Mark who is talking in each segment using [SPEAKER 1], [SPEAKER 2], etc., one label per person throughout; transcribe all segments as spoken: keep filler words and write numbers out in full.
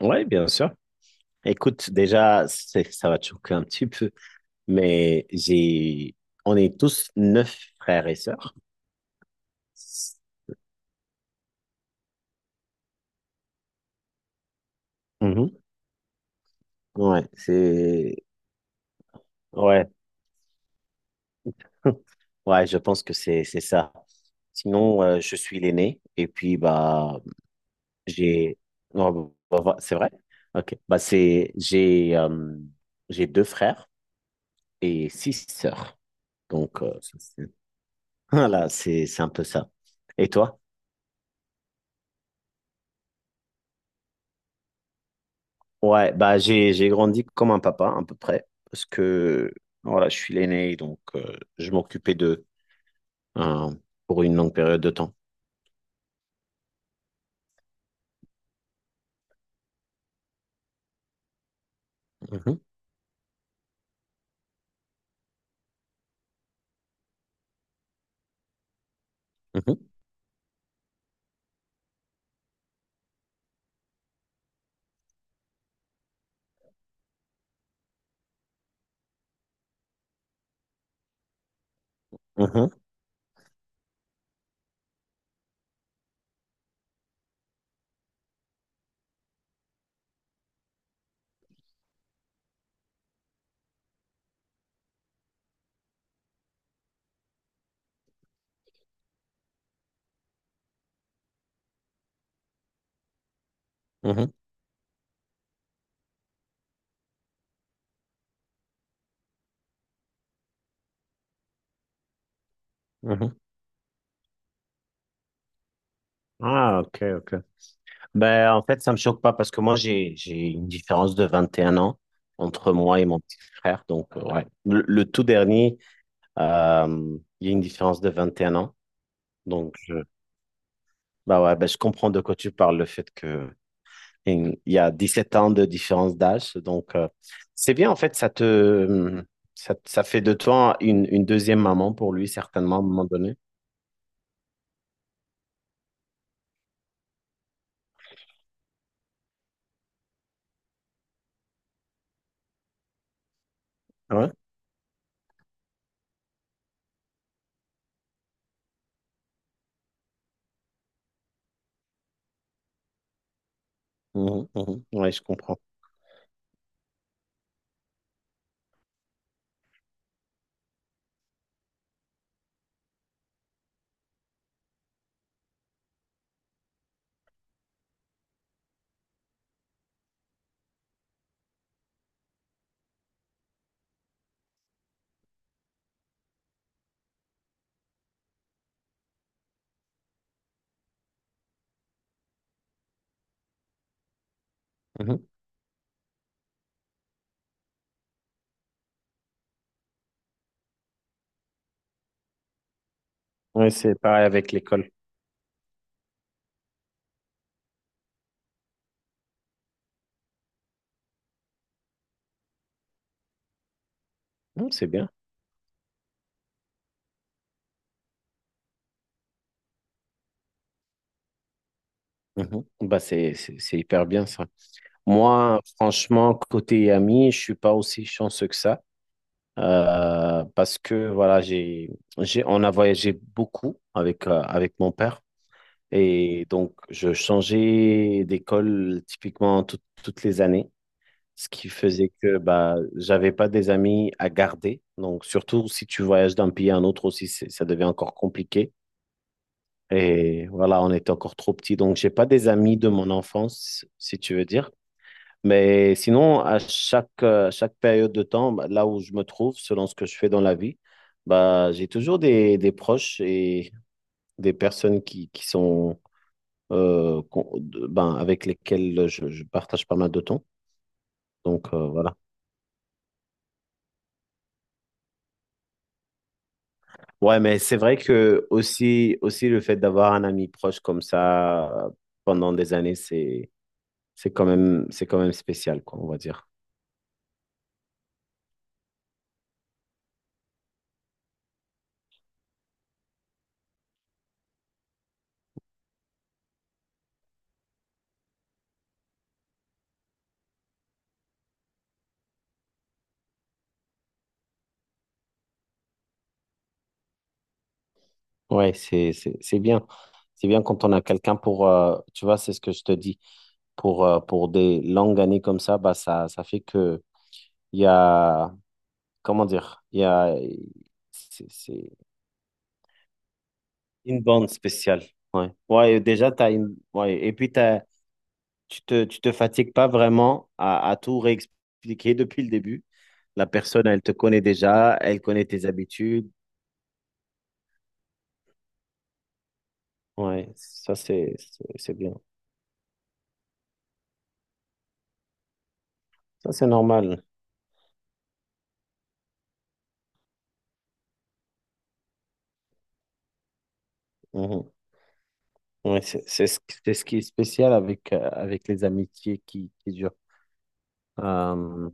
[SPEAKER 1] Oui, bien sûr. Écoute, déjà, c'est- ça va te choquer un petit peu, mais j'ai, on est tous neuf frères et sœurs. Mhm. Ouais, c'est, ouais, ouais, je pense que c'est, c'est ça. Sinon, euh, je suis l'aîné, et puis, bah, j'ai, non, bah, bah, bah, c'est vrai? Ok, bah, c'est, j'ai, euh, j'ai deux frères et six sœurs. Donc, euh, ça, c'est- voilà, c'est, c'est un peu ça. Et toi? Ouais, bah j'ai j'ai grandi comme un papa à peu près parce que voilà, je suis l'aîné donc euh, je m'occupais d'eux euh, pour une longue période de temps. Mhm, mhm, mhm, mhm, mhm. Ah, ok, ok. Ben, en fait, ça me choque pas parce que moi j'ai j'ai une différence de vingt et un ans entre moi et mon petit frère donc euh, ouais. Le, le tout dernier euh, il y a une différence de vingt et un ans donc je bah ouais, ben, je comprends de quoi tu parles le fait que et il y a dix-sept ans de différence d'âge. Donc, euh, c'est bien, en fait, ça te, ça, ça fait de toi une, une deuxième maman pour lui, certainement, à un moment donné. Ouais, mhm, mhm. Ouais, je comprends. Mhm. Ouais, c'est pareil avec l'école. Non, c'est bien. Mhm. Bah, c'est, c'est, c'est hyper bien, ça. Moi, franchement, côté ami, je suis pas aussi chanceux que ça. Euh, parce que, voilà, j'ai, j'ai, on a voyagé beaucoup avec, euh, avec mon père. Et donc, je changeais d'école typiquement tout- toutes les années, ce qui faisait que bah, j'avais pas des amis à garder. Donc, surtout si tu voyages d'un pays à un autre aussi, c'est- ça devient encore compliqué. Et voilà, on était encore trop petits. Donc, j'ai pas des amis de mon enfance, si tu veux dire. Mais sinon, à chaque, euh, chaque période de temps, bah, là où je me trouve, selon ce que je fais dans la vie, bah, j'ai toujours des, des proches et des personnes qui, qui sont euh, qu'on- de- ben, avec lesquels je, je partage pas mal de temps. Donc euh, voilà. Ouais, mais c'est vrai que aussi, aussi le fait d'avoir un ami proche comme ça euh, pendant des années, c'est, c'est quand même, c'est quand même spécial, quoi, on va dire. Ouais, c'est, c'est, c'est bien. C'est bien quand on a quelqu'un pour, euh, tu vois, c'est ce que je te dis, pour, euh, pour des longues années comme ça, bah, ça, ça fait que il y a, comment dire, il y a, c'est- c'est- une bande spéciale. Ouais. Ouais, déjà, t'as une... ouais. Et puis, t'as... Tu te, tu te fatigues pas vraiment à, à tout réexpliquer depuis le début. La personne, elle te connaît déjà, elle connaît tes habitudes. Ouais, ça, c'est, c'est c'est bien. Ça, c'est normal. Mhm. Ouais, c'est c'est ce, c'est ce qui est spécial avec, euh, avec les amitiés qui, qui durent. Euh...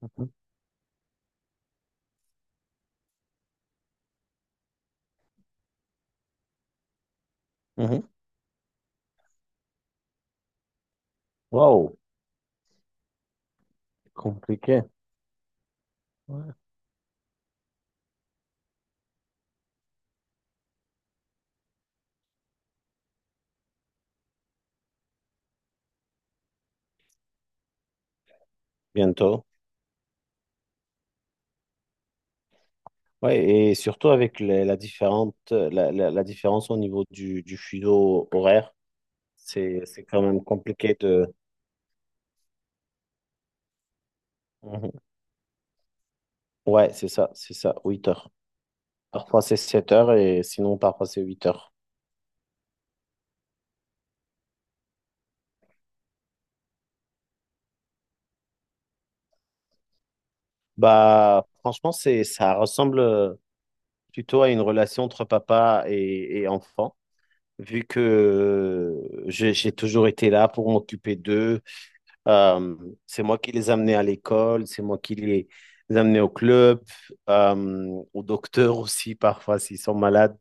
[SPEAKER 1] Mhm. Mhm. Wow, compliqué. Ouais. Bientôt. Ouais, et surtout avec la, la différente, la, la- la différence au niveau du, du fuseau horaire, c'est, c'est quand même compliqué de... Mhm. Ouais, c'est ça, c'est ça, huit heures. Parfois c'est sept heures et sinon parfois c'est huit heures. Bah, franchement, c'est, ça ressemble plutôt à une relation entre papa et, et enfant, vu que euh, j'ai j'ai toujours été là pour m'occuper d'eux. Euh, c'est moi qui les amenais à l'école, c'est moi qui les, les amenais au club, euh, au docteur aussi parfois s'ils sont malades.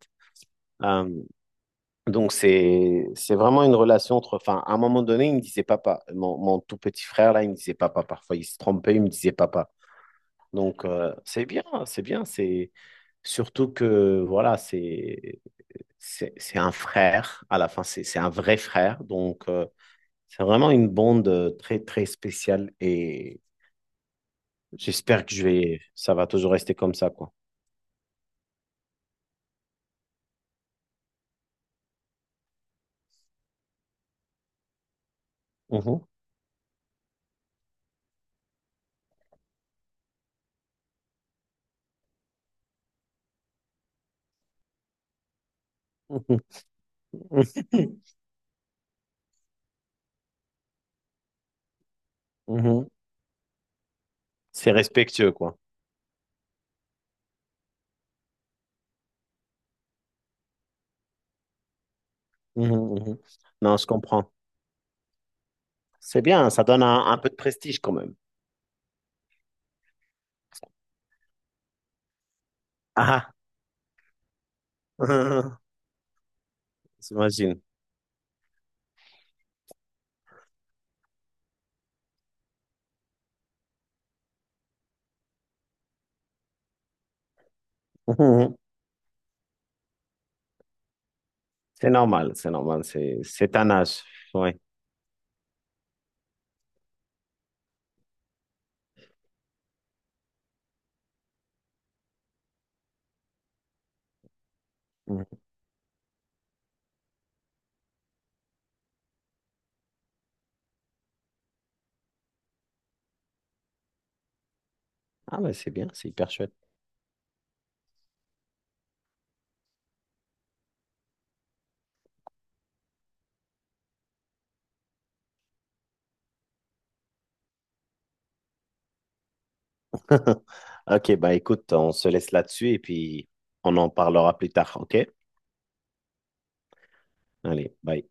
[SPEAKER 1] Euh, donc c'est c'est vraiment une relation entre. Enfin, à un moment donné, il me disait papa. Mon, mon tout petit frère là, il me disait papa. Parfois, il se trompait, il me disait papa. Donc euh, c'est bien, c'est bien. C'est surtout que voilà, c'est c'est c'est un frère. À la fin, c'est c'est un vrai frère. Donc euh, c'est vraiment une bande euh, très très spéciale et j'espère que je vais. Ça va toujours rester comme ça, quoi. Mhm. Mhm. Mhm. C'est respectueux, quoi. Mhm, mhm. Non, je comprends. C'est bien, ça donne un, un peu de prestige quand même. Ah, j'imagine. Mhm. C'est normal, c'est normal, c'est c'est un âge. Ouais. Mhm. Ah, mais c'est bien, c'est hyper chouette. Ok, bah écoute, on se laisse là-dessus et puis on en parlera plus tard, ok? Allez, bye.